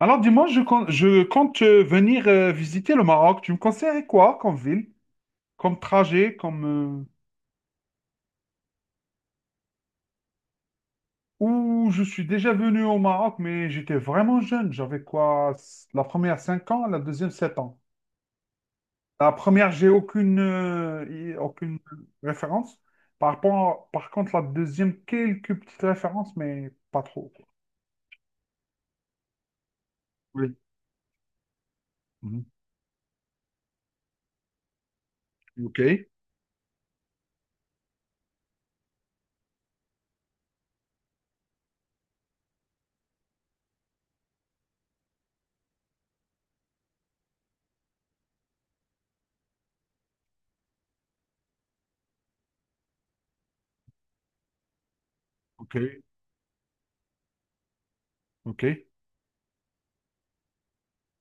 Alors dis-moi, je compte venir visiter le Maroc. Tu me conseillerais quoi comme ville, comme trajet, comme... euh, où je suis déjà venu au Maroc, mais j'étais vraiment jeune. J'avais quoi? La première 5 ans, la deuxième 7 ans. La première, j'ai aucune, aucune référence. Par contre, la deuxième, quelques petites références, mais pas trop. Quoi. Oui. Mhm. Ok, ok, ok.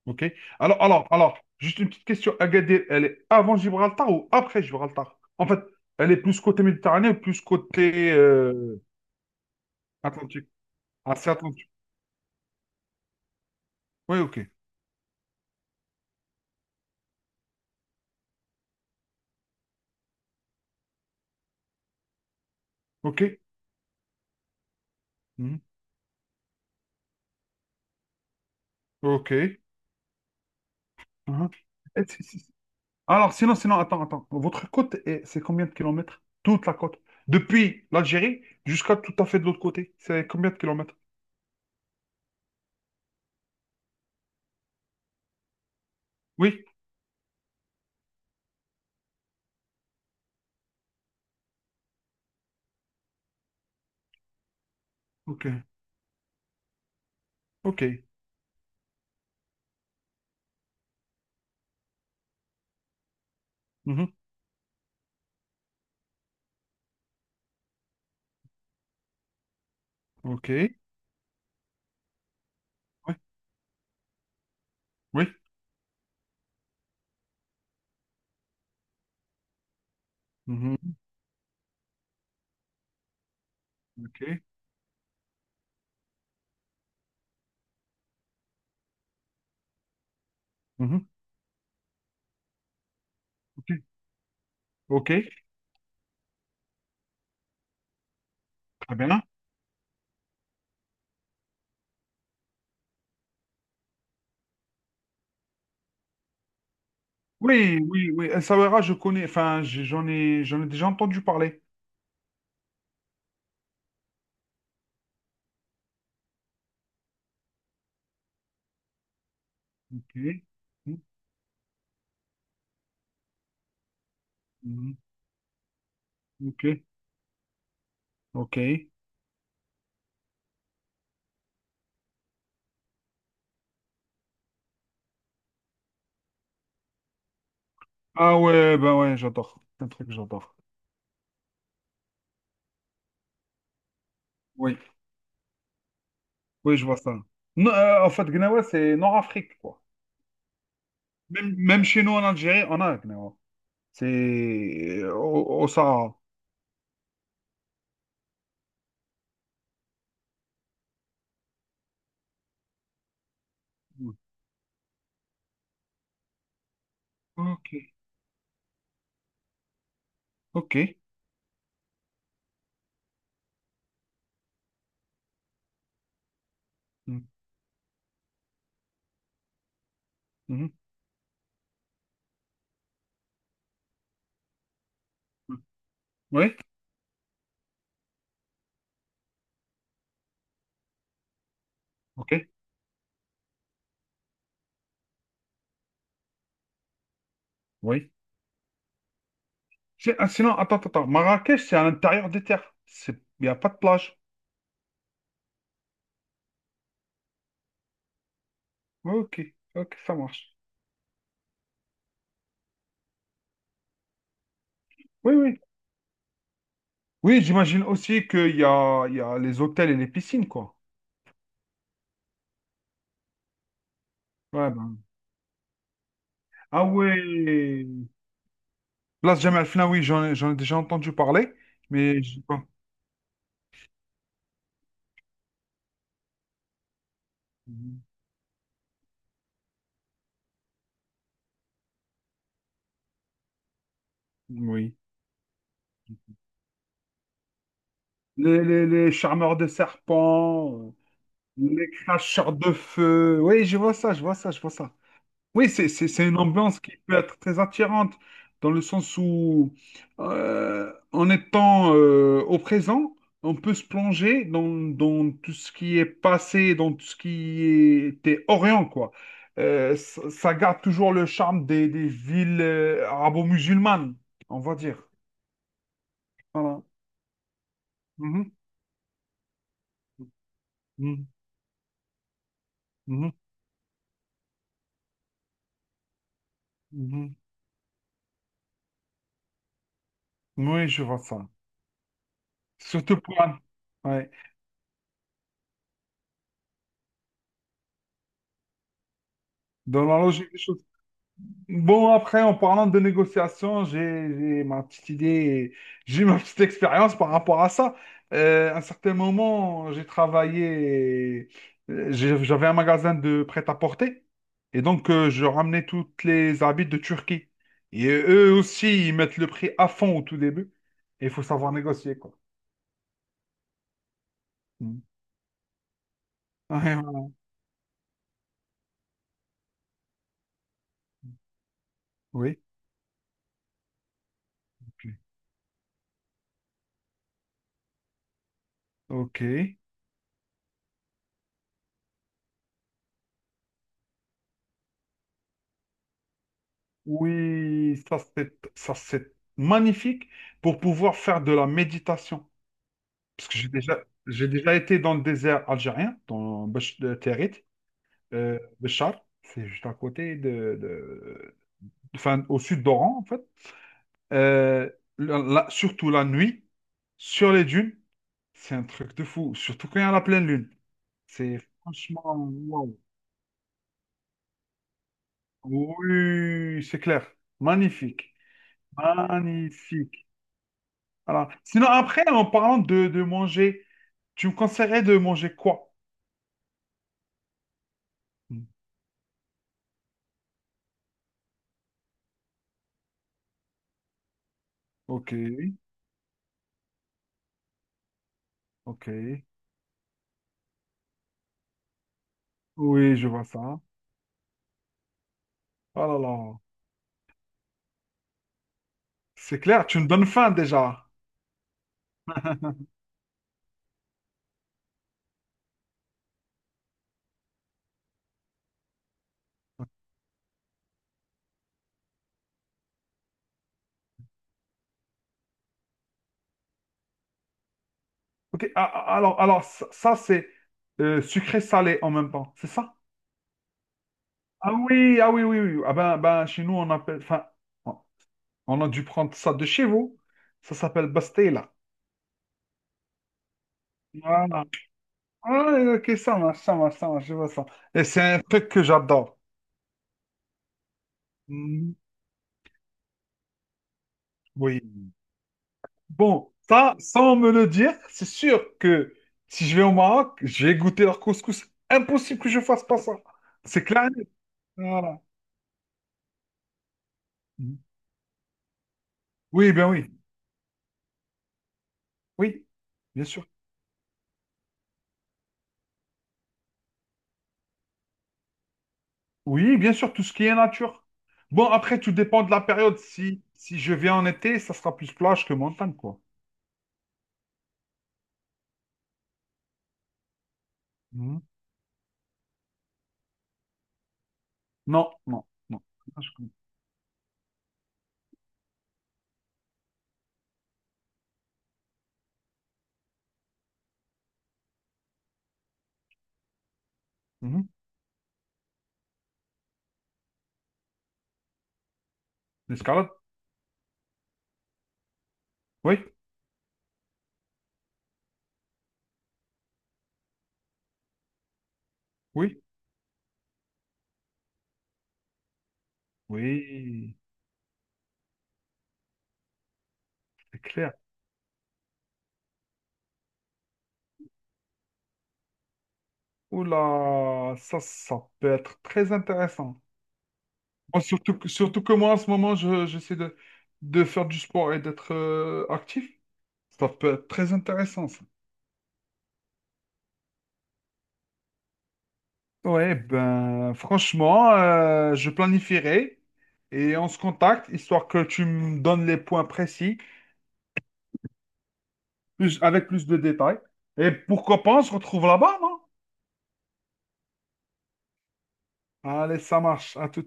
OK. Alors, juste une petite question. Agadir, elle est avant Gibraltar ou après Gibraltar? En fait, elle est plus côté Méditerranée ou plus côté Atlantique? Ah, c'est Atlantique. Oui, OK. OK. Mhm. OK. Mhm. Et si. Alors, sinon, sinon, attends, attends. Votre côte, c'est combien de kilomètres? Toute la côte. Depuis l'Algérie jusqu'à tout à fait de l'autre côté. C'est combien de kilomètres? Oui. OK. OK. Mhm. OK. Oui. Oui. Mhm. OK. Mhm. OK. OK. Très bien. Oui, oui, oui. Essaouira, je connais. Enfin, j'en ai déjà entendu parler. Ok. Mm, mm, Ok. Ok. Ah ouais, ben ouais, j'adore. C'est un truc que j'adore. Oui, oui, je vois ça. Non, en fait, Gnawa, c'est Nord-Afrique, quoi. Même, même chez nous en Algérie, on a Gnawa. C'est au Sahara. Oui. Ok. Ok. Mm, mhm. Oui. Ok. Oui. Ah, sinon, attends, attends, attends. Marrakech, c'est à l'intérieur des terres. C'est, il n'y a pas de plage. Ok. Ok, ça marche. Oui, oui. Oui, j'imagine aussi qu'il y a les hôtels et les piscines, quoi. Ouais, ben. Ah ouais. Place Jamal Fna, oui, j'en ai déjà entendu parler, mais je sais pas. Mhm. Oui. Les charmeurs de serpents, les cracheurs de feu. Oui, je vois ça, je vois ça, je vois ça. Oui, c'est une ambiance qui peut être très attirante, dans le sens où, en étant au présent, on peut se plonger dans, dans tout ce qui est passé, dans tout ce qui était Orient, quoi. Ça, ça garde toujours le charme des villes arabo-musulmanes, on va dire. Voilà. Mhm, mhm, mhm, mhm. Oui, je vois ça. Surtout pour... Ouais. Dans la logique des choses. Bon, après, en parlant de négociation, j'ai ma petite idée, j'ai eu ma petite expérience par rapport à ça. À un certain moment, j'ai travaillé, j'avais un magasin de prêt-à-porter, et donc je ramenais toutes les habits de Turquie. Et eux aussi, ils mettent le prix à fond au tout début, et il faut savoir négocier, quoi. Mm. Ouais, ouais. Oui. Ok. Oui, ça c'est magnifique pour pouvoir faire de la méditation. Parce que j'ai déjà été dans le désert algérien, dans Bach- de Territ, Béchar, c'est juste à côté de, enfin, au sud d'Oran, en fait. Euh, Surtout la nuit, sur les dunes, c'est un truc de fou, surtout quand il y a la pleine lune. C'est franchement, wow. Oui, c'est clair. Magnifique. Magnifique. Voilà. Sinon, après, en parlant de manger, tu me conseillerais de manger quoi? Hmm. Ok, ok. Oui, je vois ça. Oh là là, c'est clair, tu me donnes faim déjà. Ok, alors ça, c'est sucré-salé en même temps, c'est ça? Ah oui, ah oui, oui, oui. Ah ben, ben, chez nous, on appelle, enfin, on on a dû prendre ça de chez vous. Ça s'appelle pastela. Voilà. Ah, ok, ça marche, ça marche, ça marche, je vois ça. Et c'est un truc que j'adore. Mhm. Oui. Bon, ça, sans me le dire, c'est sûr que si je vais au Maroc, je vais goûter leur couscous. Impossible que je fasse pas ça. C'est clair. Voilà. Oui, ben oui. Oui, bien sûr. Oui, bien sûr, tout ce qui est nature. Bon, après, tout dépend de la période. Si, si je viens en été, ça sera plus plage que montagne, quoi. Mhm. Non, non, non. Ah, je comprends. Mhm. L'escalade? Oui, oui, oui, c'est clair. Oula, ça peut être très intéressant. Moi, surtout que moi, en ce moment, j'essaie de faire du sport et d'être actif. Ça peut être très intéressant, ça. Ouais, ben, franchement, je planifierai et on se contacte, histoire que tu me donnes les points précis, plus, avec plus de détails. Et pourquoi pas, on se retrouve là-bas, non? Allez, ça marche, à tout.